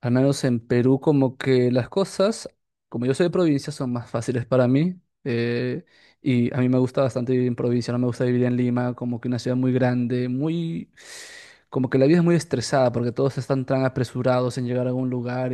Al menos en Perú, como que las cosas, como yo soy de provincia, son más fáciles para mí. Y a mí me gusta bastante vivir en provincia, no me gusta vivir en Lima, como que una ciudad muy grande, muy... Como que la vida es muy estresada porque todos están tan apresurados en llegar a algún lugar.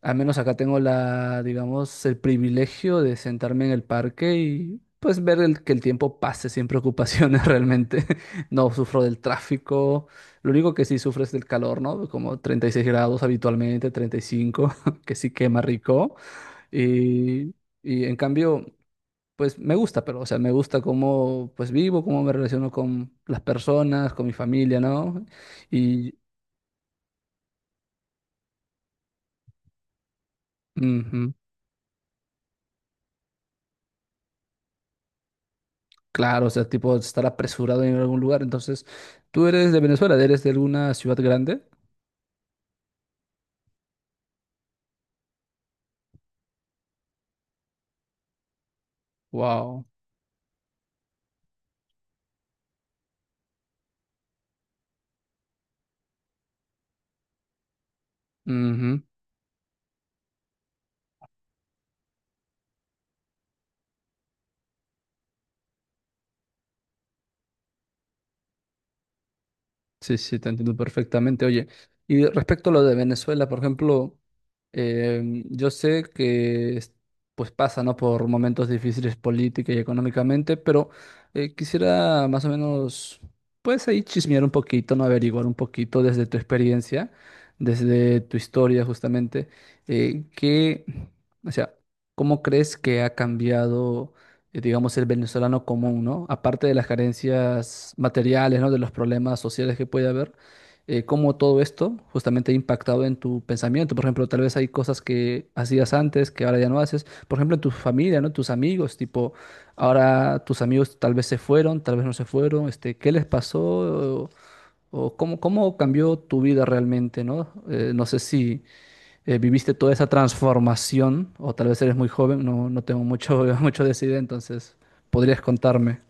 Al menos acá tengo la, digamos, el privilegio de sentarme en el parque y pues ver que el tiempo pase sin preocupaciones realmente. No sufro del tráfico. Lo único que sí sufro es del calor, ¿no? Como 36 grados habitualmente, 35, que sí quema rico. Y, y en cambio, pues me gusta, pero, o sea, me gusta cómo pues vivo, cómo me relaciono con las personas, con mi familia, ¿no? Y... Ujú. Claro, o sea, tipo estar apresurado en algún lugar. Entonces, tú eres de Venezuela, eres de alguna ciudad grande. Wow. Sí, sí, te entiendo perfectamente. Oye, y respecto a lo de Venezuela, por ejemplo, yo sé pues pasa, ¿no? Por momentos difíciles política y económicamente, pero quisiera más o menos, pues ahí chismear un poquito, ¿no? Averiguar un poquito desde tu experiencia, desde tu historia justamente, eh, qué, o sea, ¿cómo crees que ha cambiado? Digamos, el venezolano común, ¿no? Aparte de las carencias materiales, ¿no? De los problemas sociales que puede haber, cómo todo esto justamente ha impactado en tu pensamiento. Por ejemplo, tal vez hay cosas que hacías antes que ahora ya no haces. Por ejemplo, en tu familia, ¿no? Tus amigos, tipo, ahora tus amigos tal vez se fueron, tal vez no se fueron, este, ¿qué les pasó? O cómo, cómo cambió tu vida realmente, ¿no? No sé si viviste toda esa transformación, o tal vez eres muy joven, no, no tengo mucho, mucho de esa idea, entonces podrías contarme.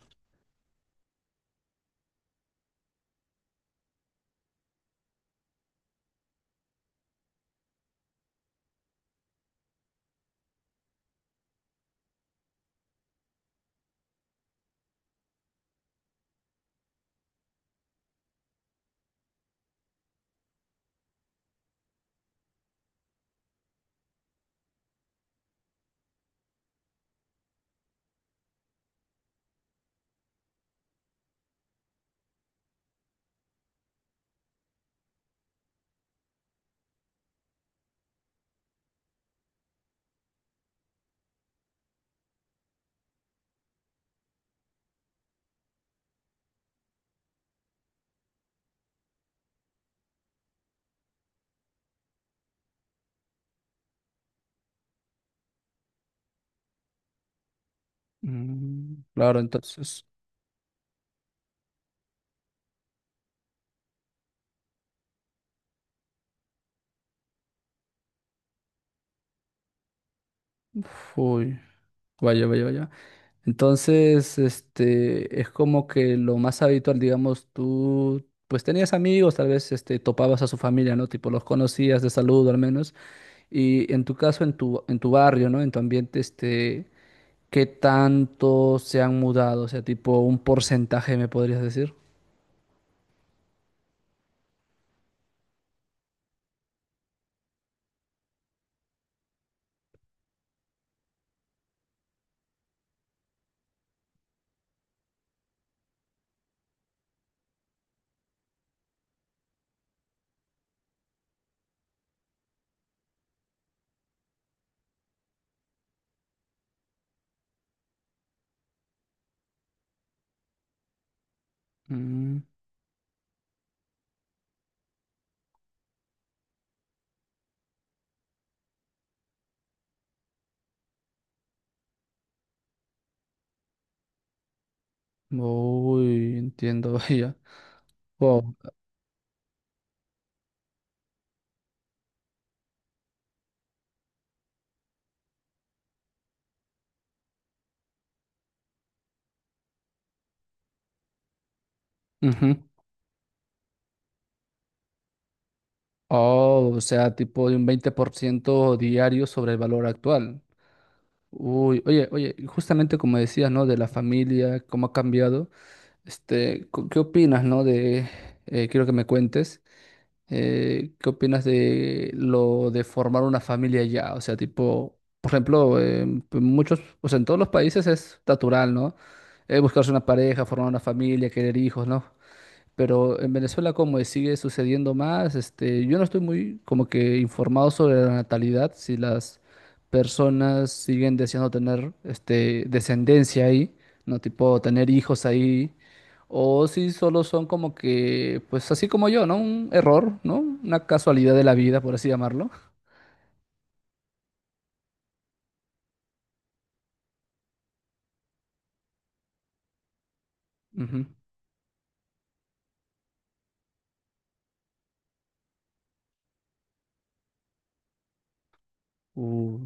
Mm, claro, entonces, uy, vaya, vaya, vaya. Entonces, este, es como que lo más habitual, digamos, tú, pues tenías amigos, tal vez, este, topabas a su familia, ¿no? Tipo, los conocías de saludo al menos, y en tu caso, en tu barrio, ¿no? En tu ambiente, este, ¿qué tanto se han mudado? O sea, tipo, un porcentaje, ¿me podrías decir? Mm, uy, entiendo ya. Wow. Ujú. Oh, o sea, tipo de un 20% diario sobre el valor actual. Uy, oye, oye, y justamente como decías, ¿no? De la familia, cómo ha cambiado. Este, ¿qué opinas, no? De, quiero que me cuentes, ¿qué opinas de lo de formar una familia ya? O sea, tipo, por ejemplo, muchos, o sea, en todos los países es natural, ¿no? Buscarse una pareja, formar una familia, querer hijos, ¿no? Pero en Venezuela, ¿cómo es? ¿Sigue sucediendo más? Este, yo no estoy muy como que informado sobre la natalidad, si las personas siguen deseando tener este, descendencia ahí, ¿no? Tipo tener hijos ahí, o si solo son como que, pues así como yo, ¿no? Un error, ¿no? Una casualidad de la vida, por así llamarlo. Ujú. Uh,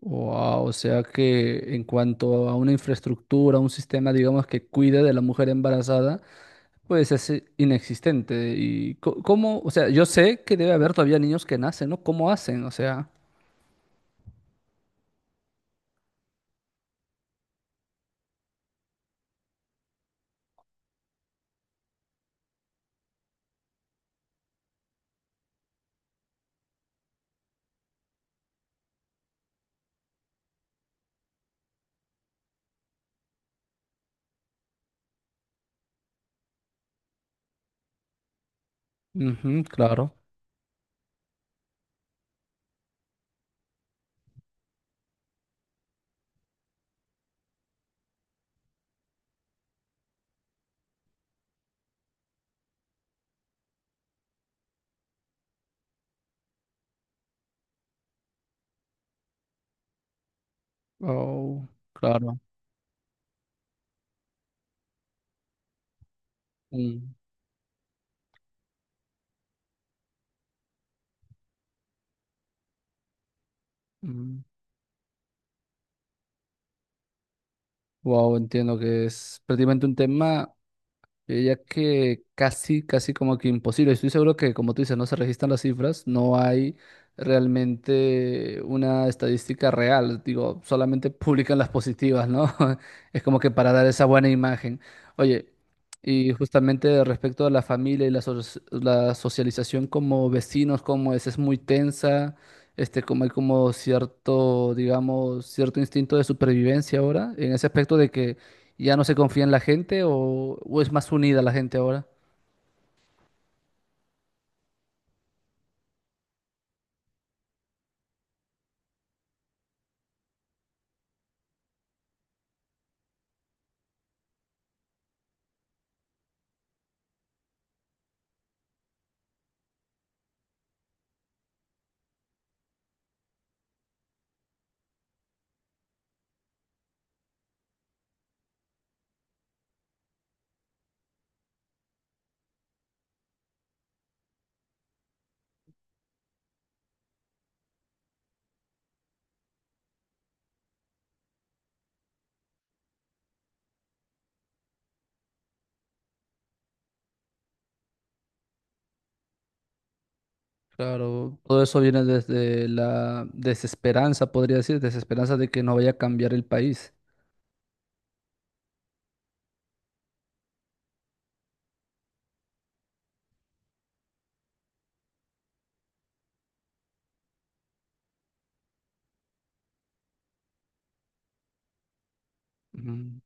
wow, o sea que en cuanto a una infraestructura, un sistema, digamos, que cuide de la mujer embarazada, pues es inexistente. ¿Y cómo? O sea, yo sé que debe haber todavía niños que nacen, ¿no? ¿Cómo hacen? O sea, ujú, claro. Oh, claro. Mm, mm. Wow, entiendo que es prácticamente un tema. Yo diría que casi, casi como que imposible. Estoy seguro que, como tú dices, no se registran las cifras, no hay realmente una estadística real. Digo, solamente publican las positivas, ¿no? Es como que para dar esa buena imagen. Oye, y justamente respecto a la familia y la, la socialización como vecinos, como es muy tensa. Este, como hay como cierto, digamos, cierto instinto de supervivencia ahora, en ese aspecto de que ¿ya no se confía en la gente o es más unida la gente ahora? Claro, todo eso viene desde la desesperanza, podría decir, desesperanza de que no vaya a cambiar el país. Mm,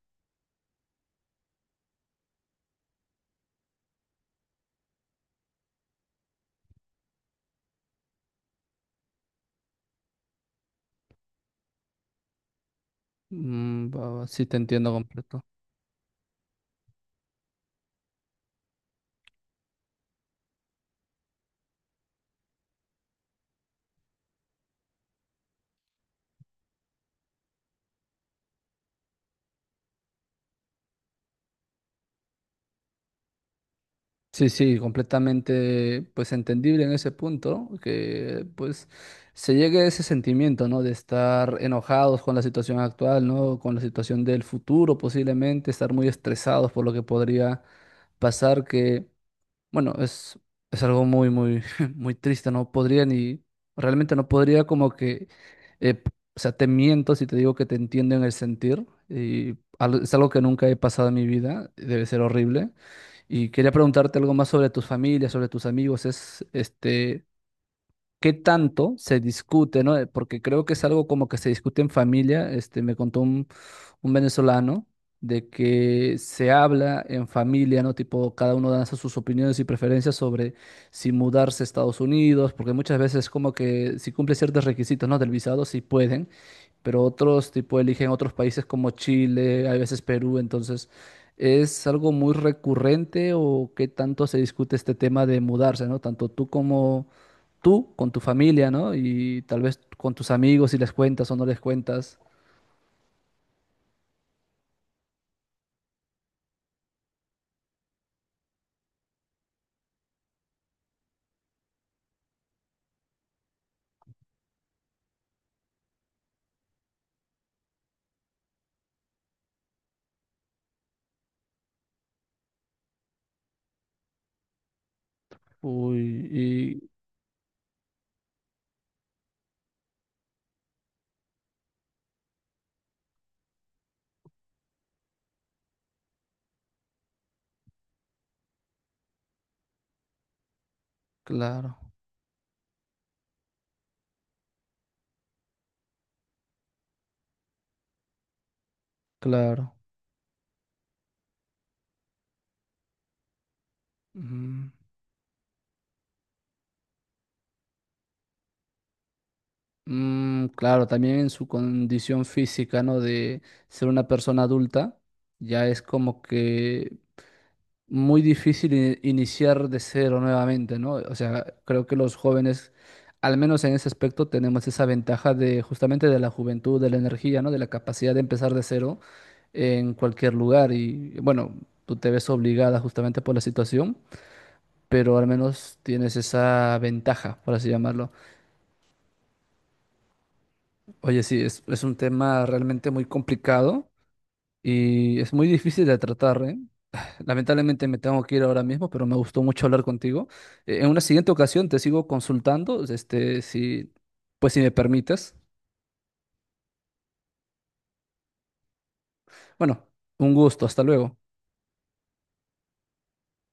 mm, va, va, sí, te entiendo completo. Sí, sí, completamente pues entendible en ese punto, que pues se llegue a ese sentimiento, ¿no? De estar enojados con la situación actual, ¿no? Con la situación del futuro posiblemente, estar muy estresados por lo que podría pasar, que bueno, es algo muy, muy, muy triste, no podría ni, realmente no podría como que, eh, p- o sea, te miento si te digo que te entiendo en el sentir, y es algo que nunca he pasado en mi vida, debe ser horrible. Y quería preguntarte algo más sobre tus familias, sobre tus amigos, es, este, qué tanto se discute, ¿no? Porque creo que es algo como que se discute en familia. Este, un venezolano de que se habla en familia, ¿no? Tipo, cada uno da sus opiniones y preferencias sobre si mudarse a Estados Unidos, porque muchas veces como que si cumple ciertos requisitos, ¿no? Del visado, sí pueden, pero otros tipo eligen otros países como Chile, a veces Perú, entonces... ¿Es algo muy recurrente o qué tanto se discute este tema de mudarse, ¿no? Tanto tú como tú con tu familia, ¿no? Y tal vez con tus amigos si les cuentas o no les cuentas. Uy, y claro, claro. Ujú. Mm, claro, también en su condición física, ¿no? De ser una persona adulta, ya es como que muy difícil iniciar de cero nuevamente, ¿no? O sea, creo que los jóvenes, al menos en ese aspecto, tenemos esa ventaja de justamente de la juventud, de la energía, ¿no? De la capacidad de empezar de cero en cualquier lugar y bueno, tú te ves obligada justamente por la situación, pero al menos tienes esa ventaja, por así llamarlo. Oye, sí, es un tema realmente muy complicado y es muy difícil de tratar, ¿eh? Lamentablemente me tengo que ir ahora mismo, pero me gustó mucho hablar contigo. En una siguiente ocasión te sigo consultando, este, si, pues si me permites. Bueno, un gusto, hasta luego.